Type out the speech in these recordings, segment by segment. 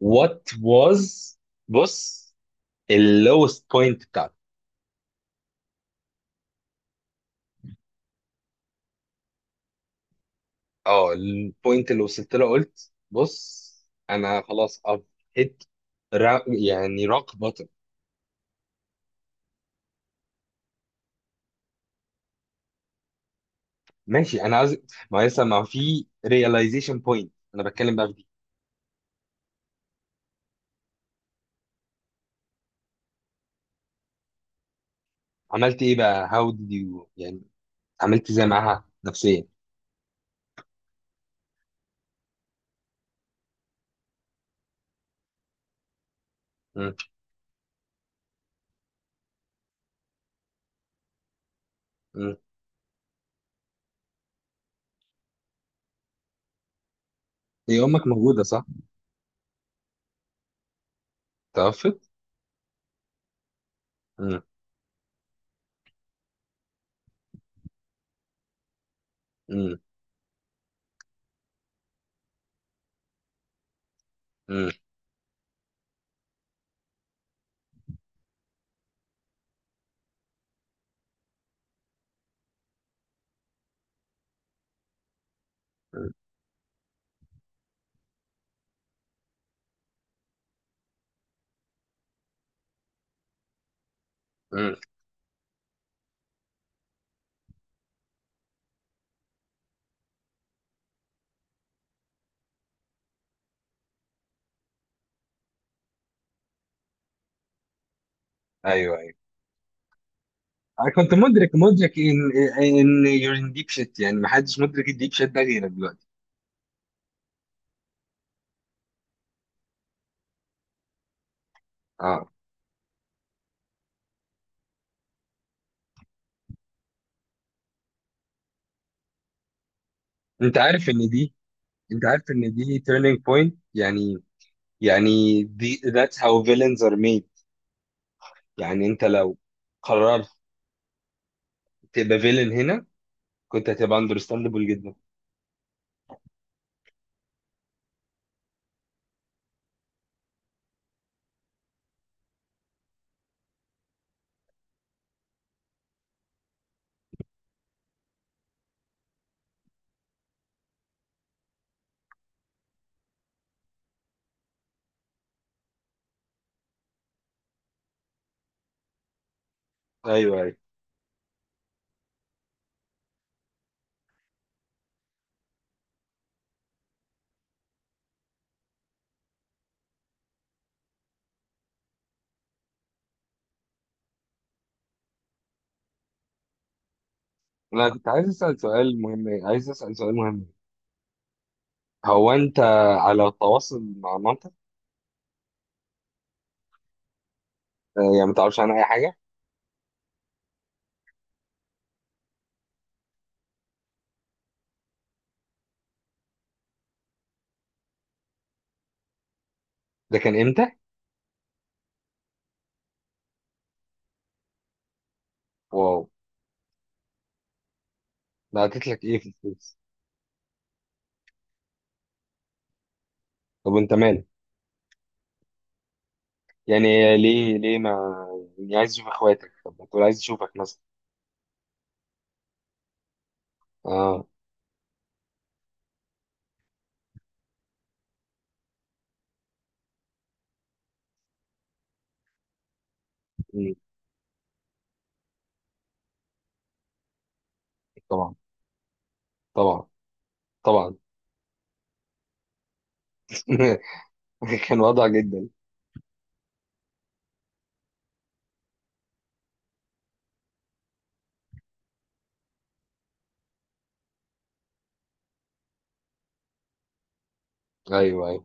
وات واز، بص اللوست بوينت بتاعتي. اه، البوينت اللي وصلت له قلت بص، انا خلاص اب هيت را... يعني روك بوتم. ماشي انا عايز. ما هي لسه ما في ريلايزيشن بوينت انا بتكلم بقى في دي. عملت ايه بقى؟ هاو ديد يو يعني، عملت ازاي معاها نفسيا؟ مم. مم. هي امك موجوده صح؟ توفت؟ مم. مم. مم. مم. مم. ايوه، أيوه. انا كنت مدرك ان، ان يور ان ديب شيت، يعني ما حدش مدرك الديب شيت ده غيرك دلوقتي. اه. انت عارف ان دي انت عارف ان دي turning point يعني، يعني دي that's how villains are made. يعني انت لو قررت تبقى villain هنا، كنت هتبقى understandable جدا. ايوه ايوه. انا كنت عايز اسال سؤال مهم، عايز اسال سؤال مهم. هو انت على تواصل مع مامتك؟ آه، يعني ما تعرفش عنها اي حاجه؟ ده كان امتى؟ واو. ده قالت لك ايه في الفلوس؟ طب انت مالك؟ يعني ليه ما، يعني عايز اشوف اخواتك، طب ما تقول عايز اشوفك مثلا. اه. مم. طبعا، طبعا، طبعا. كان وضع جدا. ايوه ايوه.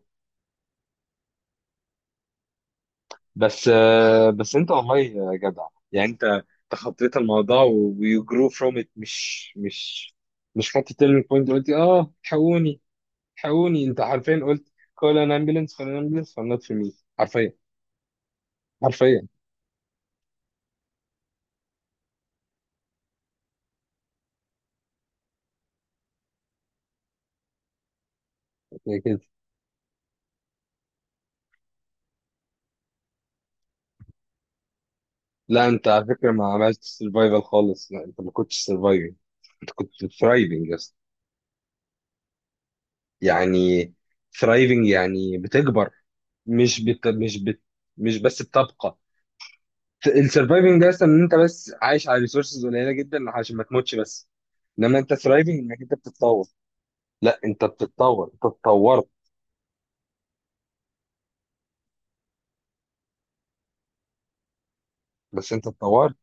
بس آه، بس انت والله يا جدع، يعني انت تخطيت الموضوع ويو جرو فروم ات. مش خدت تيرنينج بوينت، قلت اه حقوني حقوني، انت حرفيا قلت كول ان امبيلنس، كول ان امبيلنس، فنوت في مي حرفيا، حرفيا. كده، لا انت على فكره ما عملتش سرفايفل خالص، لا انت ما كنتش سرفايفل. انت كنت ثرايفنج يا اسطى. يعني ثرايفنج يعني بتكبر، مش بت... مش بت... مش بس بتبقى. السرفايفنج ده اصلا ان انت بس عايش على ريسورسز قليله جدا عشان ما تموتش بس، انما انت ثرايفنج، انك انت بتتطور. لا انت بتتطور، انت اتطورت. بس انت اتطورت.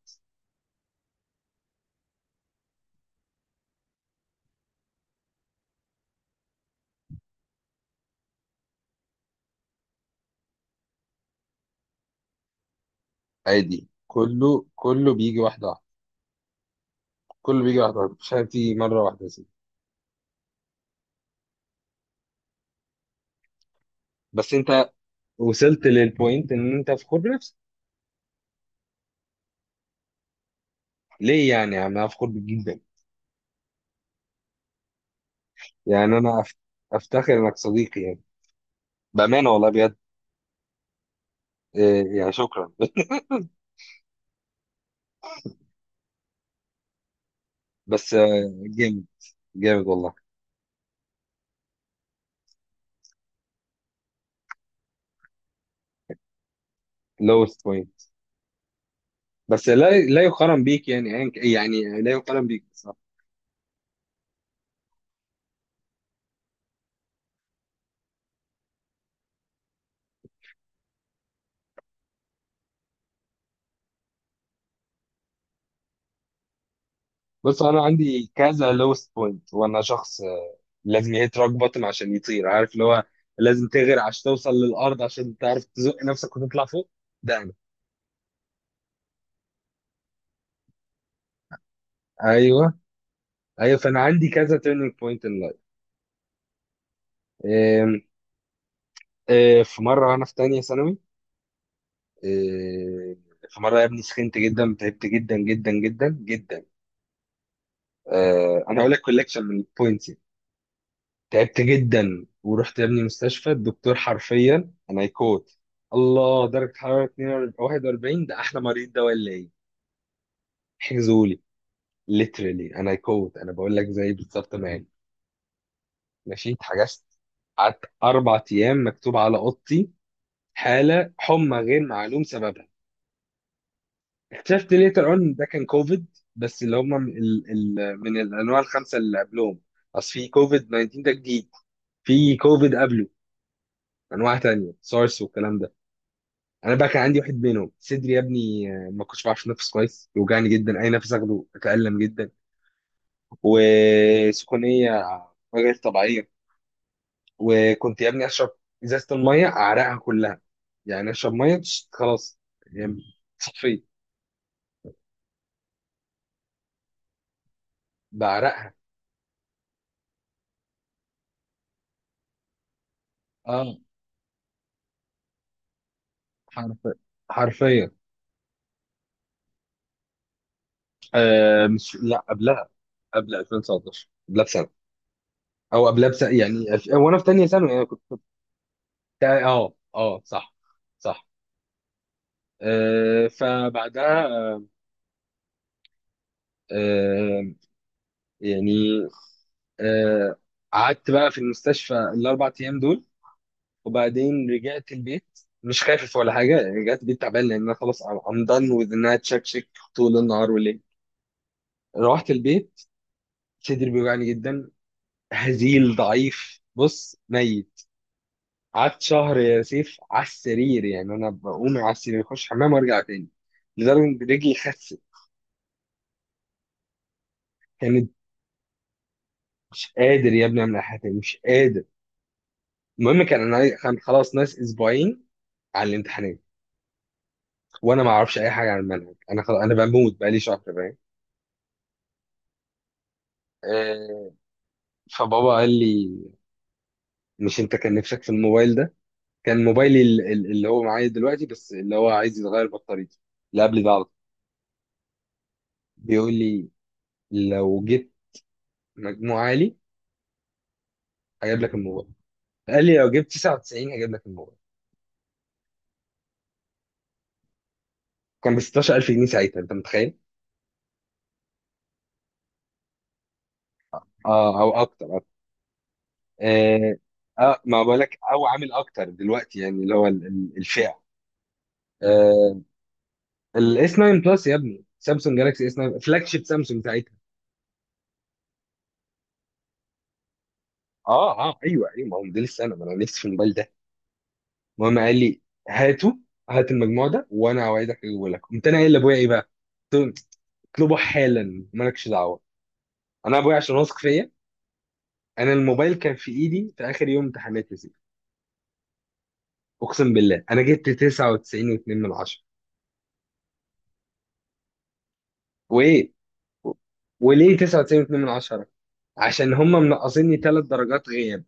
عادي، كله بيجي واحده واحده. كله بيجي واحده واحده، مش حاجه بتيجي مره واحده يا سيدي. بس انت وصلت للبوينت ان انت فخور بنفسك؟ ليه يعني يا عم، انا فخور بيك جدا. يعني انا افتخر انك صديقي، بأمانة والله بجد. إيه، يعني شكرا. بس آه، جامد، جامد والله. lowest point. بس لا لا يقارن بيك، يعني يعني لا يقارن بيك بصراحة. بص أنا عندي كذا lowest point، وأنا شخص آه، لازم يهيت روك بوتم عشان يطير، عارف اللي هو. لازم تغرق عشان توصل للأرض، عشان تعرف تزق نفسك وتطلع فوق. ده أنا. أيوه أيوه. فأنا عندي كذا turning point in life. إيه، إيه، في مرة وأنا في تانية ثانوي. إيه، في مرة يا ابني سخنت جدا، تعبت جدا جدا جدا جدا. آه، انا هقول لك كولكشن من البوينتس. تعبت جدا ورحت يا ابني مستشفى. الدكتور حرفيا انا يكوت الله، درجه حراره 42، 41، ده احلى مريض ده ولا ايه؟ حجزوا لي. ليترالي انا يكوت، انا بقول لك زي بالظبط ما قال. ماشي، اتحجزت. قعدت اربع ايام مكتوب على اوضتي حاله حمى غير معلوم سببها. اكتشفت ليتر اون ده كان كوفيد، بس اللي من الانواع الخمسه اللي قبلهم. اصل في كوفيد 19 ده جديد، في كوفيد قبله، انواع تانية سارس والكلام ده. انا بقى كان عندي واحد منهم صدري يا ابني، آه، ما كنتش بعرف انفس كويس، يوجعني جدا اي نفس اخده، اتالم جدا. وسخونيه غير طبيعيه. وكنت يا ابني اشرب ازازه الميه اعرقها كلها، يعني اشرب ميه خلاص يعني صفي، بعرقها. اه حرفيا، حرفيا. آه مش، لا قبلها، قبل 2019، قبلها بسنه او قبلها بسنه، يعني وانا في تانية ثانوي، يعني اه اه صح، صح. آه، فبعدها آه، آه، يعني آه، قعدت بقى في المستشفى الاربع ايام دول. وبعدين رجعت البيت مش خايف ولا حاجه، رجعت البيت تعبان لان انا خلاص I'm done with انها تشكشك طول النهار والليل. روحت البيت، صدري بيوجعني جدا، هزيل ضعيف بص، ميت. قعدت شهر يا سيف على السرير، يعني انا بقوم على السرير اخش الحمام وارجع تاني، لدرجه ان رجلي خست. كانت مش قادر يا ابني اعمل أي حاجه تاني، مش قادر. المهم كان كان خلاص ناس اسبوعين على الامتحانات، وانا ما اعرفش اي حاجه عن المنهج، انا خلاص، انا بموت بقالي شهر، فاهم. آه، فبابا قال لي: مش انت كان نفسك في الموبايل ده؟ كان موبايلي اللي هو معايا دلوقتي، بس اللي هو عايز يتغير بطاريته، اللي قبل ده على طول. بيقول لي لو جبت مجموع عالي هجيب لك الموبايل. قال لي لو جبت 99 هجيب لك الموبايل. كان ب 16000 جنيه ساعتها، انت متخيل؟ اه او اكتر، اكتر. اه. آه، ما بقولك او عامل اكتر دلوقتي، يعني اللي هو الفئه الاس 9 بلس يا ابني، سامسونج جالاكسي اس 9، فلاج شيب سامسونج ساعتها. اه اه ايوه ايوه، ما هو موديل السنه، ما انا نفسي في الموبايل ده. المهم قال لي هاته، هات المجموع ده وانا اوعدك اجيبه لك. قمت انا قايل لابويا ايه بقى؟ قلت له اطلبه حالا مالكش دعوه. انا ابويا عشان واثق فيا، انا الموبايل كان في ايدي في اخر يوم امتحانات يا سيدي. اقسم بالله انا جبت 99.2 من 10. وايه؟ وليه 99.2 من 10؟ عشان هم منقصيني ثلاث درجات غياب.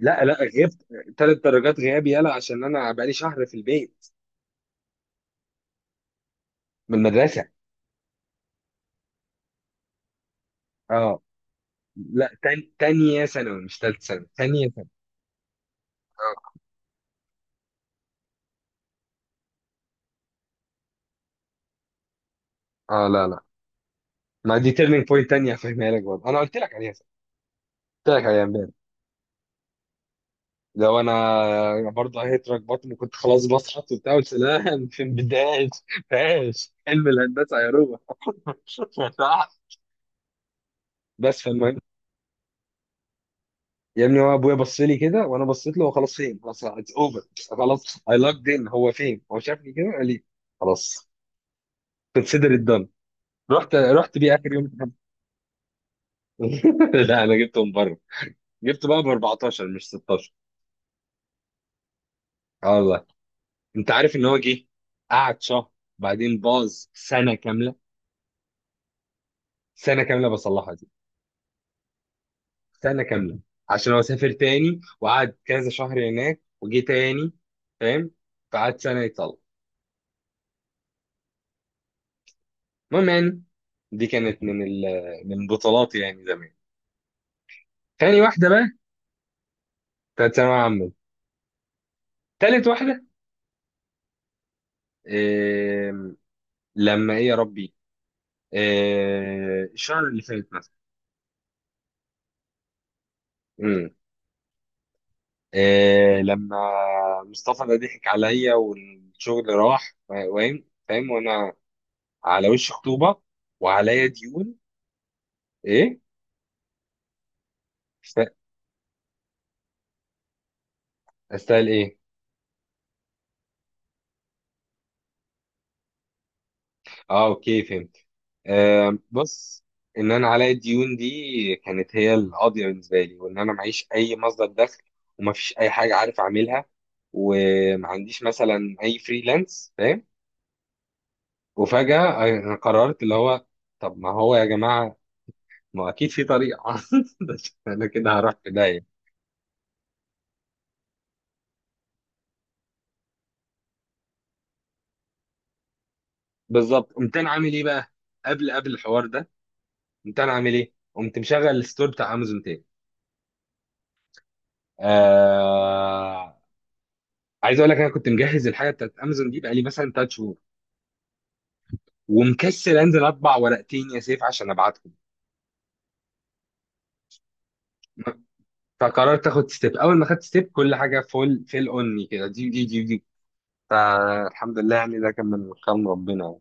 لا لا غبت، ثلاث درجات غياب يلا عشان انا بقالي شهر في البيت. من المدرسه. اه لا، تانية ثانوي مش ثالث ثانوي، تانية ثانوي. اه اه لا لا، ما دي تيرنينج بوينت تانية هفهمها لك برضه، انا قلت لك عليها صح. قلت لك عليها امبارح. لو انا برضه هيترك بطني كنت خلاص بسقط وبتاع، قلت لا. في البداية فاش علم الهندسة يا روبا. بس فالمهم. يا ابني هو ابويا بص لي كده وانا بصيت له، هو خلاص فين، خلاص اتس اوفر، خلاص اي لاكد ان هو فين. هو شافني كده قال لي خلاص كونسيدر ات دان. رحت بيه اخر يوم امتحان. لا انا جبته من بره، جبته بقى ب 14 مش 16. اه والله. انت عارف ان هو جه قعد شهر بعدين باظ سنه كامله. سنه كامله بصلحها دي. سنه كامله، عشان هو سافر تاني وقعد كذا شهر هناك وجه تاني، فاهم. فقعد سنه يتصلح. المهم يعني، دي كانت من من بطولاتي يعني زمان. تاني واحده بقى، بتاعت ثانويه عامه. تالت واحده، إيه... لما ايه يا ربي، إيه... الشهر اللي فات مثلا. امم، إيه... لما مصطفى ده ضحك عليا والشغل راح، فاهم فاهم. وانا على وش خطوبه وعليا ديون. ايه؟ است- استاهل ايه؟ اه اوكي فهمت. آه بص، ان انا عليا الديون دي كانت هي القاضيه بالنسبه لي، وان انا معيش اي مصدر دخل، وما فيش اي حاجه عارف اعملها، وما عنديش مثلا اي فريلانس، فاهم. وفجاه انا قررت اللي هو، طب ما هو يا جماعه ما اكيد في طريقه. بس انا كده هروح في داهيه. بالظبط. قمت انا عامل ايه بقى؟ قبل الحوار ده قمت انا عامل ايه، قمت مشغل الستور بتاع امازون تاني. آه، عايز اقول لك انا كنت مجهز الحاجه بتاعت امازون دي بقالي مثلا ثلاث شهور، ومكسل انزل اطبع ورقتين يا سيف عشان ابعتهم. م-. فقررت اخد ستيب، اول ما خدت ستيب كل حاجه فول فيل اوني كده، دي دي دي دي. فالحمد لله يعني، ده كان من كرم ربنا يعني.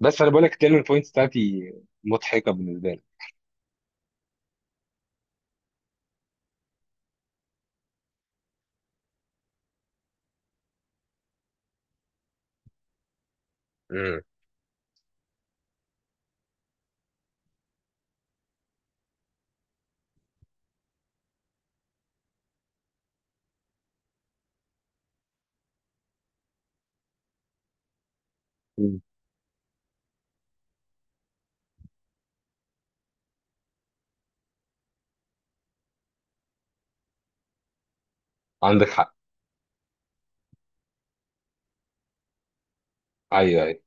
بس انا بقول لك التيرنينج بوينتس بتاعتي مضحكه بالنسبه لي. امم. عندك حق. ايوه ايوه